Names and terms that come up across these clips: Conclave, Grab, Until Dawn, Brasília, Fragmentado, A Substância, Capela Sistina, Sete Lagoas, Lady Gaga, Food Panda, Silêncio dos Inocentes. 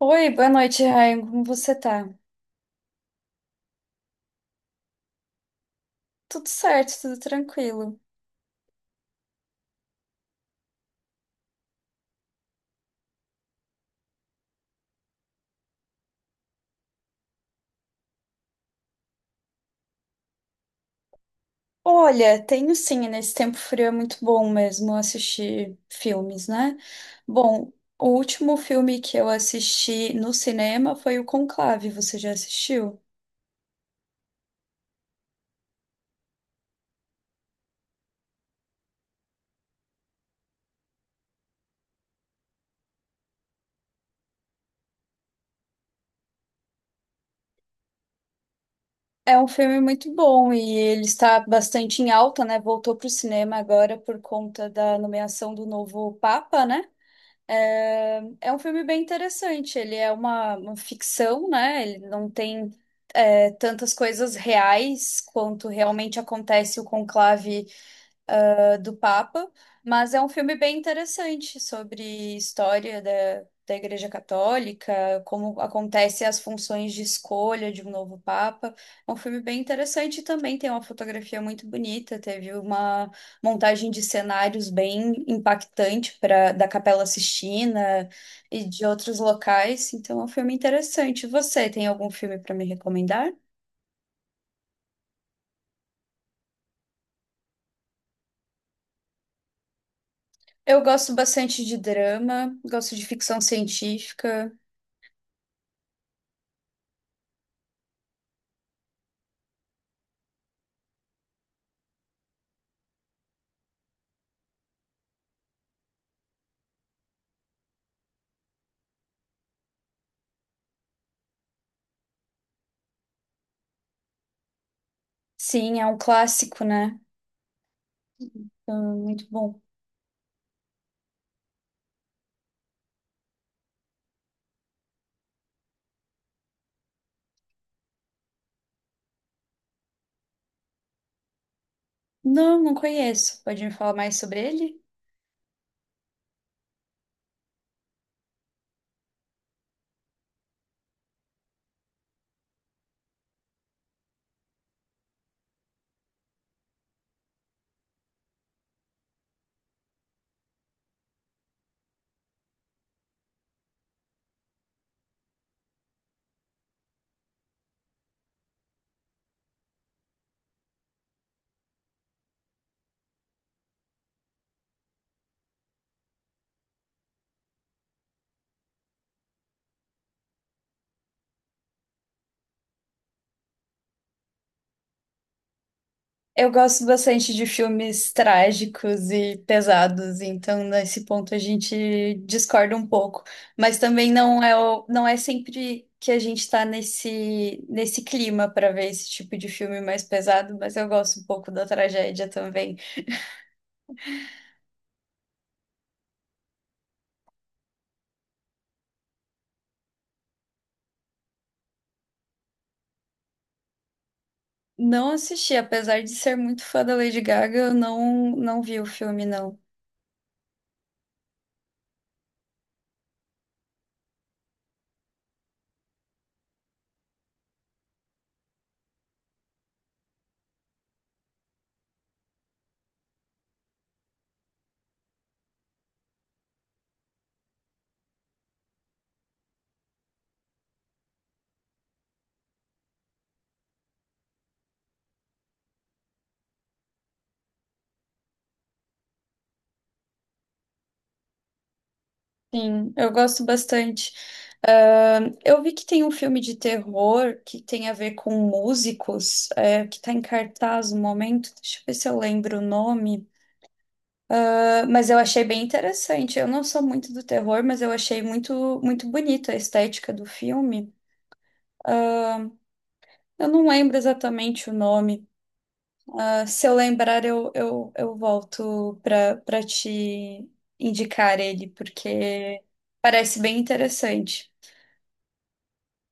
Oi, boa noite, Ryan. Como você tá? Tudo certo, tudo tranquilo. Olha, tenho sim, nesse tempo frio é muito bom mesmo assistir filmes, né? Bom, o último filme que eu assisti no cinema foi o Conclave, você já assistiu? É um filme muito bom e ele está bastante em alta, né? Voltou para o cinema agora por conta da nomeação do novo Papa, né? É um filme bem interessante. Ele é uma ficção, né? Ele não tem tantas coisas reais quanto realmente acontece o conclave do Papa, mas é um filme bem interessante sobre história da Igreja Católica, como acontece as funções de escolha de um novo Papa. É um filme bem interessante e também tem uma fotografia muito bonita, teve uma montagem de cenários bem impactante para da Capela Sistina e de outros locais, então é um filme interessante. Você tem algum filme para me recomendar? Eu gosto bastante de drama, gosto de ficção científica. Sim, é um clássico, né? Muito bom. Não, não conheço. Pode me falar mais sobre ele? Eu gosto bastante de filmes trágicos e pesados, então nesse ponto a gente discorda um pouco. Mas também não é, não é sempre que a gente está nesse clima para ver esse tipo de filme mais pesado, mas eu gosto um pouco da tragédia também. Não assisti, apesar de ser muito fã da Lady Gaga, eu não vi o filme, não. Sim, eu gosto bastante. Eu vi que tem um filme de terror que tem a ver com músicos, que está em cartaz no momento. Deixa eu ver se eu lembro o nome. Ah, mas eu achei bem interessante. Eu não sou muito do terror, mas eu achei muito bonita a estética do filme. Eu não lembro exatamente o nome. Ah, se eu lembrar, eu volto para te indicar ele, porque parece bem interessante.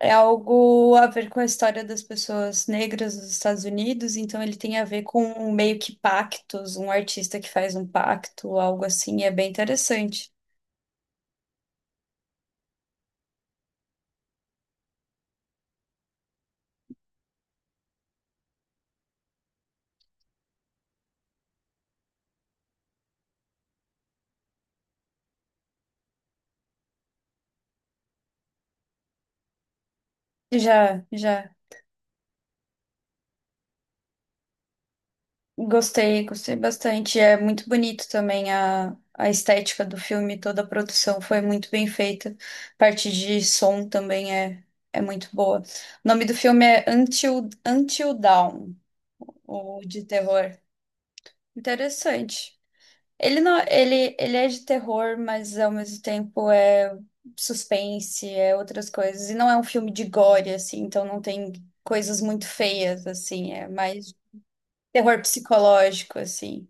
É algo a ver com a história das pessoas negras nos Estados Unidos, então ele tem a ver com meio que pactos, um artista que faz um pacto, algo assim, é bem interessante. Já, já gostei, gostei bastante. É muito bonito também a estética do filme, toda a produção foi muito bem feita. Parte de som também é muito boa. O nome do filme é Until Dawn, o de terror. Interessante. Ele não, ele é de terror, mas ao mesmo tempo é suspense, é outras coisas. E não é um filme de gore, assim, então não tem coisas muito feias, assim, é mais terror psicológico, assim.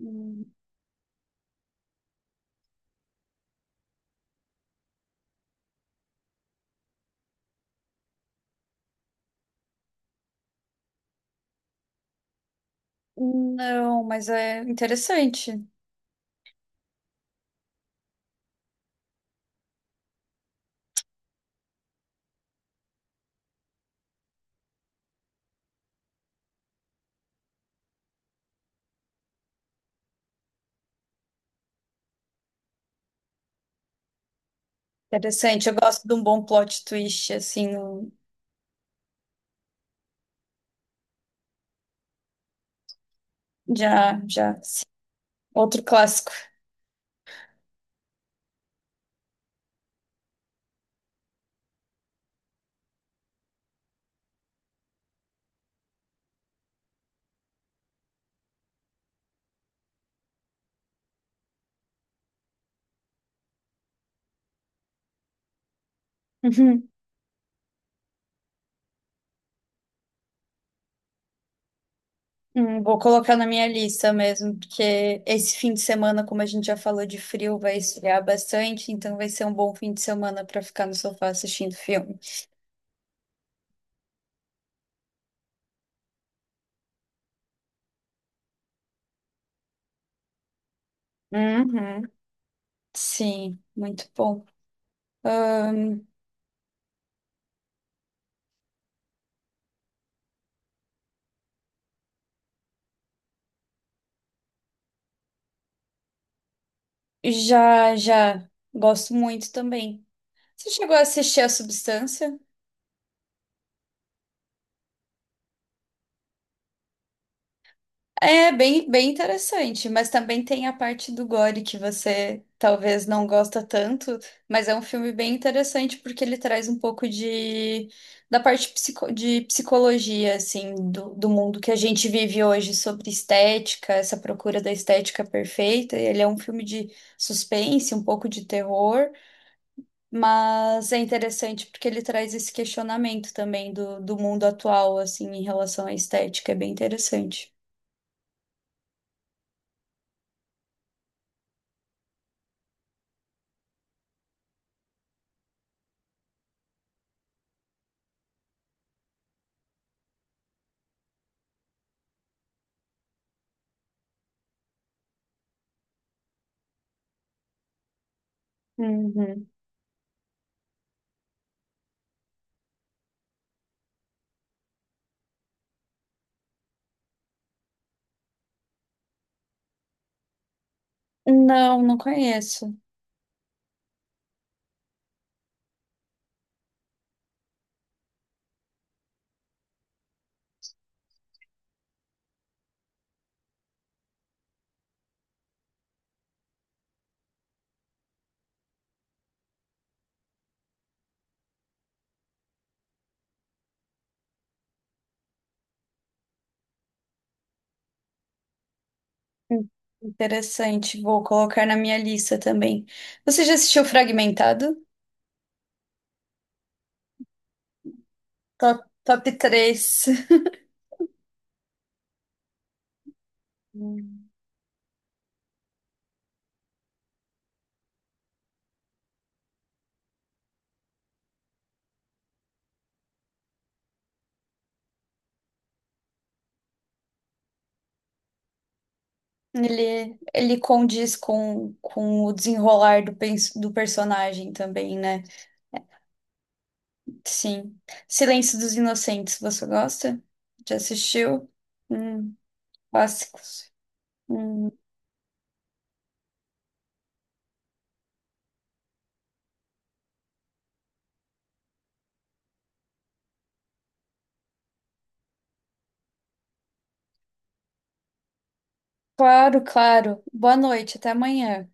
Hum. Não, mas é interessante. Interessante, eu gosto de um bom plot twist, assim, no- já, já, sim. Outro clássico. Vou colocar na minha lista mesmo, porque esse fim de semana, como a gente já falou de frio, vai esfriar bastante, então vai ser um bom fim de semana para ficar no sofá assistindo filme. Uhum. Sim, muito bom. Ahn, já, já gosto muito também. Você chegou a assistir A Substância? É bem interessante, mas também tem a parte do gore que você talvez não gosta tanto, mas é um filme bem interessante porque ele traz um pouco de de psicologia assim do mundo que a gente vive hoje sobre estética, essa procura da estética perfeita. Ele é um filme de suspense, um pouco de terror, mas é interessante porque ele traz esse questionamento também do mundo atual assim em relação à estética, é bem interessante. Uhum. Não, não conheço. Hum, Interessante, vou colocar na minha lista também. Você já assistiu Fragmentado? Top 3. Hum. Ele condiz com o desenrolar do, do personagem também, né? Sim. Silêncio dos Inocentes, você gosta? Já assistiu? Hum, clássicos. Hum, claro, claro. Boa noite, até amanhã.